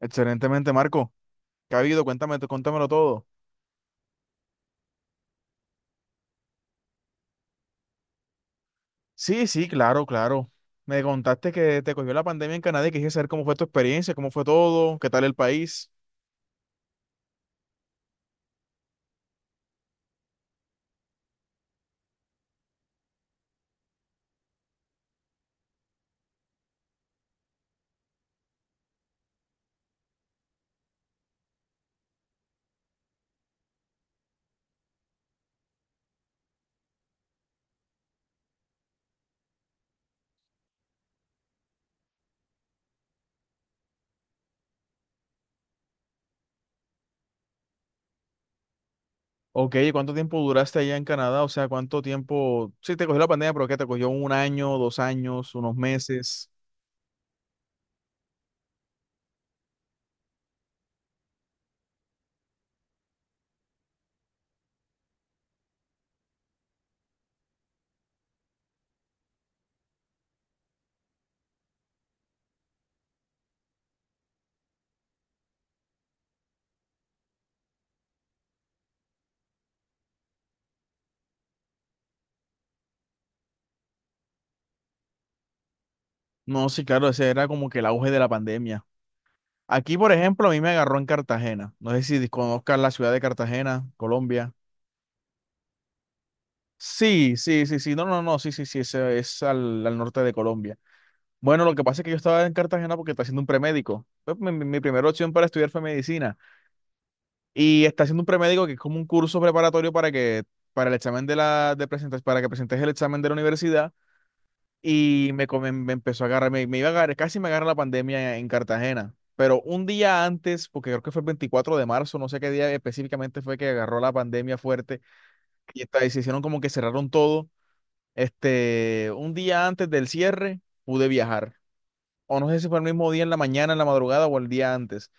Excelentemente, Marco. ¿Qué ha habido? Cuéntame, cuéntamelo todo. Sí, sí, claro, claro. Me contaste que te cogió la pandemia en Canadá y quise saber cómo fue tu experiencia, cómo fue todo, qué tal el país. Ok, ¿cuánto tiempo duraste allá en Canadá? O sea, ¿cuánto tiempo? Sí, te cogió la pandemia, pero ¿qué te cogió? ¿Un año, dos años, unos meses? No, sí, claro, ese era como que el auge de la pandemia. Aquí, por ejemplo, a mí me agarró en Cartagena. No sé si conozcas la ciudad de Cartagena, Colombia. Sí, sí, sí, sí. No, no, no, sí, sí, sí, ese es al norte de Colombia. Bueno, lo que pasa es que yo estaba en Cartagena porque está haciendo un premédico. Pues, mi primera opción para estudiar fue medicina. Y está haciendo un premédico que es como un curso preparatorio para el examen de presentes, para que presentes el examen de la universidad. Y me empezó a agarrar, me iba a agarrar, casi me agarra la pandemia en Cartagena. Pero un día antes, porque creo que fue el 24 de marzo, no sé qué día específicamente fue que agarró la pandemia fuerte y, y se hicieron como que cerraron todo. Este, un día antes del cierre pude viajar. O no sé si fue el mismo día en la mañana, en la madrugada o el día antes.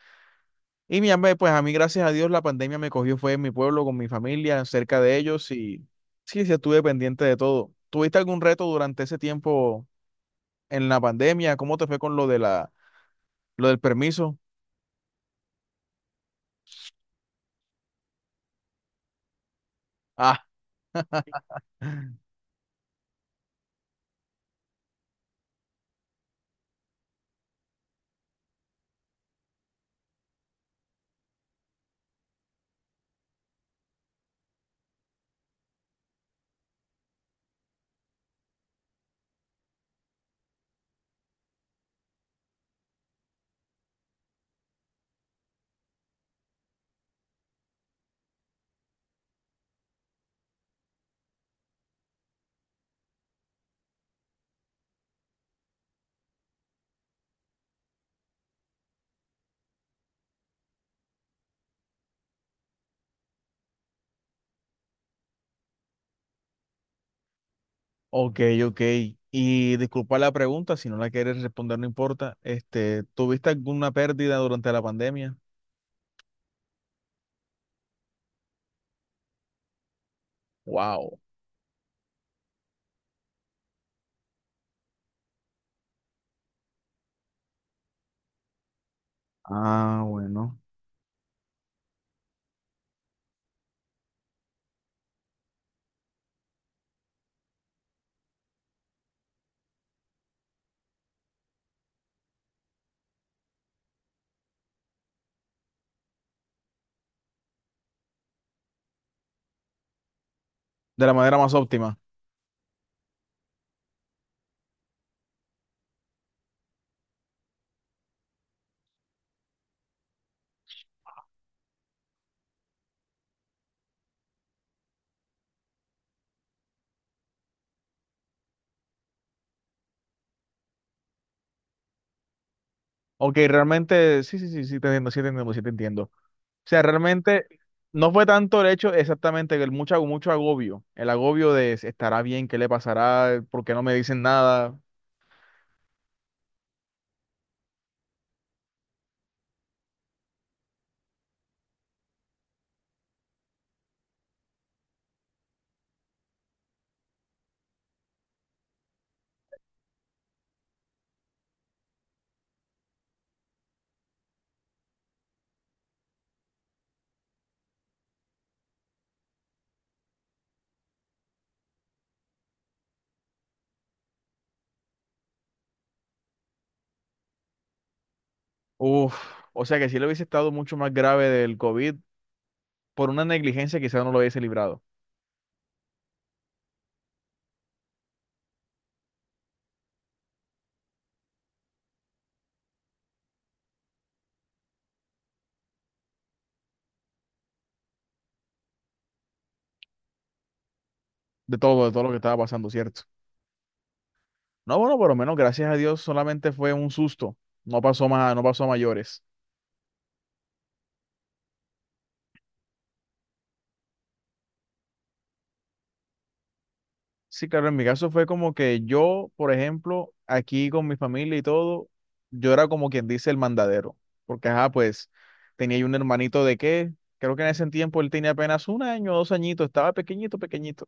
Y mi hambre, pues a mí, gracias a Dios, la pandemia me cogió, fue en mi pueblo, con mi familia, cerca de ellos y sí, sí, estuve pendiente de todo. ¿Tuviste algún reto durante ese tiempo en la pandemia? ¿Cómo te fue con lo lo del permiso? Ah, ok, ok. Y disculpa la pregunta, si no la quieres responder, no importa. Este, ¿tuviste alguna pérdida durante la pandemia? Wow. Ah, bueno. De la manera más óptima. Ok, realmente, sí, sí, sí, sí, te entiendo, sí te entiendo, sí te entiendo. O sea, realmente no fue tanto el hecho exactamente, que el mucho, mucho agobio, el agobio de estará bien, qué le pasará, por qué no me dicen nada. Uf, o sea que si le hubiese estado mucho más grave del COVID, por una negligencia quizás no lo hubiese librado, de todo lo que estaba pasando, ¿cierto? No, bueno, por lo menos, gracias a Dios, solamente fue un susto, no pasó más, no pasó a mayores. Sí, claro, en mi caso fue como que yo, por ejemplo, aquí con mi familia y todo, yo era como quien dice el mandadero, porque ajá, pues tenía yo un hermanito de qué, creo que en ese tiempo él tenía apenas un año, dos añitos, estaba pequeñito, pequeñito.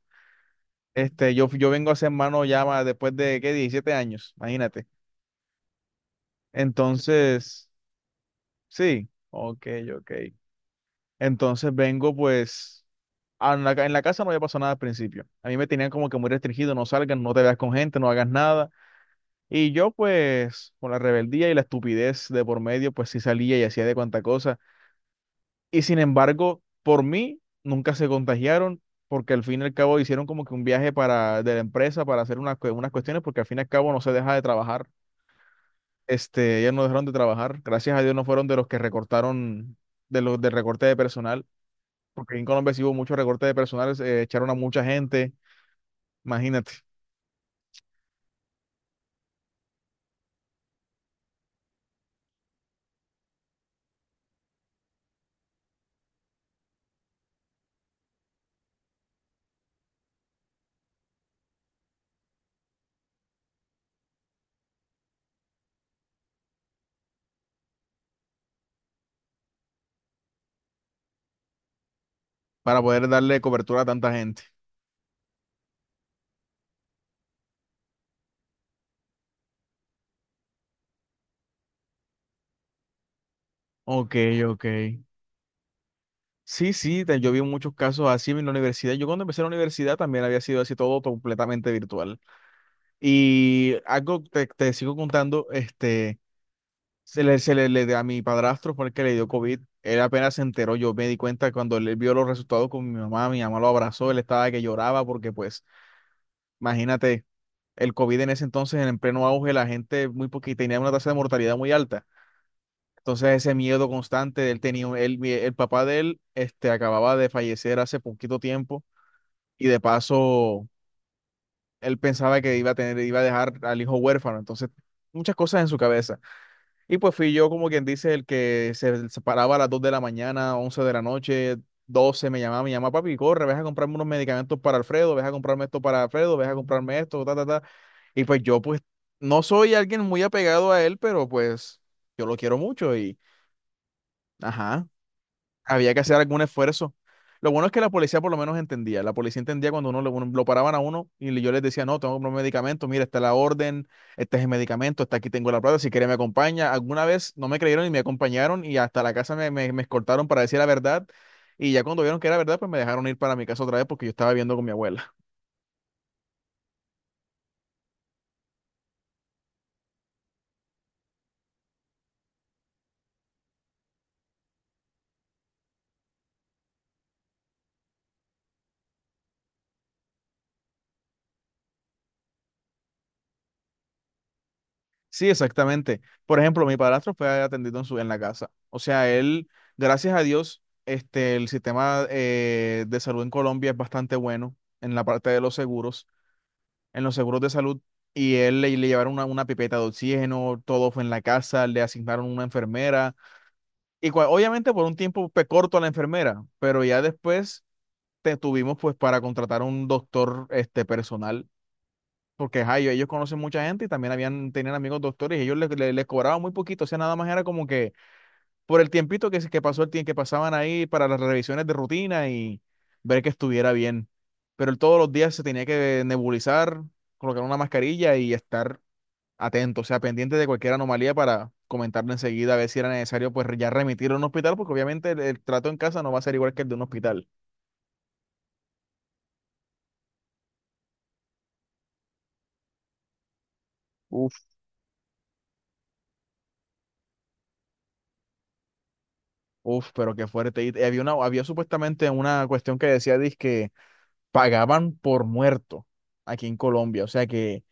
Este, yo vengo a ser hermano ya después de qué, 17 años, imagínate. Entonces, sí, ok, ok. Entonces vengo pues... a En la casa no había pasado nada al principio. A mí me tenían como que muy restringido, no salgas, no te veas con gente, no hagas nada. Y yo, pues, con la rebeldía y la estupidez de por medio, pues sí salía y hacía de cuanta cosa. Y sin embargo, por mí, nunca se contagiaron, porque al fin y al cabo hicieron como que un viaje para, de la empresa para hacer unas cuestiones, porque al fin y al cabo no se deja de trabajar. Este, ellos no dejaron de trabajar. Gracias a Dios no fueron de los que recortaron, de los del recorte de personal, porque en Colombia sí hubo mucho recorte de personal, echaron a mucha gente, imagínate, para poder darle cobertura a tanta gente. Ok, ok. Sí, sí, yo vi muchos casos así en la universidad. Yo cuando empecé la universidad también había sido así todo completamente virtual. Y algo te sigo contando, este, a mi padrastro fue el que le dio COVID. Él apenas se enteró, yo me di cuenta cuando él vio los resultados con mi mamá lo abrazó, él estaba que lloraba porque pues, imagínate, el COVID en ese entonces, en el pleno auge, la gente muy poquita tenía una tasa de mortalidad muy alta. Entonces ese miedo constante, él tenía, él, el papá de él, este, acababa de fallecer hace poquito tiempo y de paso él pensaba que iba a tener, iba a dejar al hijo huérfano, entonces muchas cosas en su cabeza. Y pues fui yo como quien dice el que se separaba a las 2 de la mañana, 11 de la noche, 12 me llamaba papi, corre, ves a comprarme unos medicamentos para Alfredo, ves a comprarme esto para Alfredo, ves a comprarme esto, ta, ta, ta. Y pues yo pues no soy alguien muy apegado a él, pero pues yo lo quiero mucho y ajá. Había que hacer algún esfuerzo. Lo bueno es que la policía por lo menos entendía. La policía entendía cuando uno, lo paraban a uno y yo les decía, no, tengo que comprar un medicamento, mira, está la orden, este es el medicamento, está aquí tengo la plata, si quiere me acompaña. Alguna vez no me creyeron y me acompañaron y hasta la casa me escoltaron para decir la verdad. Y ya cuando vieron que era verdad, pues me dejaron ir para mi casa otra vez porque yo estaba viviendo con mi abuela. Sí, exactamente. Por ejemplo, mi padrastro fue atendido en en la casa. O sea, él, gracias a Dios, este, el sistema de salud en Colombia es bastante bueno en la parte de los seguros, en los seguros de salud. Y él le llevaron una pipeta de oxígeno, todo fue en la casa, le asignaron una enfermera. Y obviamente por un tiempo fue corto a la enfermera, pero ya después te tuvimos pues para contratar un doctor este, personal porque ajá, ellos conocen mucha gente y también habían, tenían amigos doctores y ellos les cobraban muy poquito, o sea, nada más era como que por el tiempito que pasó el tiempo que pasaban ahí para las revisiones de rutina y ver que estuviera bien. Pero él todos los días se tenía que nebulizar, colocar una mascarilla y estar atento, o sea, pendiente de cualquier anomalía para comentarle enseguida a ver si era necesario pues ya remitirlo a un hospital, porque obviamente el trato en casa no va a ser igual que el de un hospital. Uf, Uf, pero qué fuerte. Y había una, había supuestamente una cuestión que decía, dizque pagaban por muerto aquí en Colombia. O sea que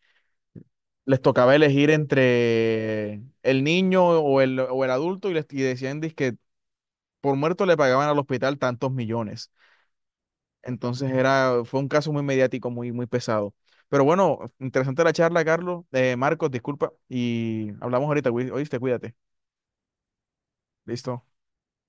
les tocaba elegir entre el niño o el adulto y, les, y decían que por muerto le pagaban al hospital tantos millones. Entonces era, fue un caso muy mediático, muy, muy pesado. Pero bueno, interesante la charla, Carlos. Marcos, disculpa. Y hablamos ahorita, güey. Oíste, cuídate. Listo.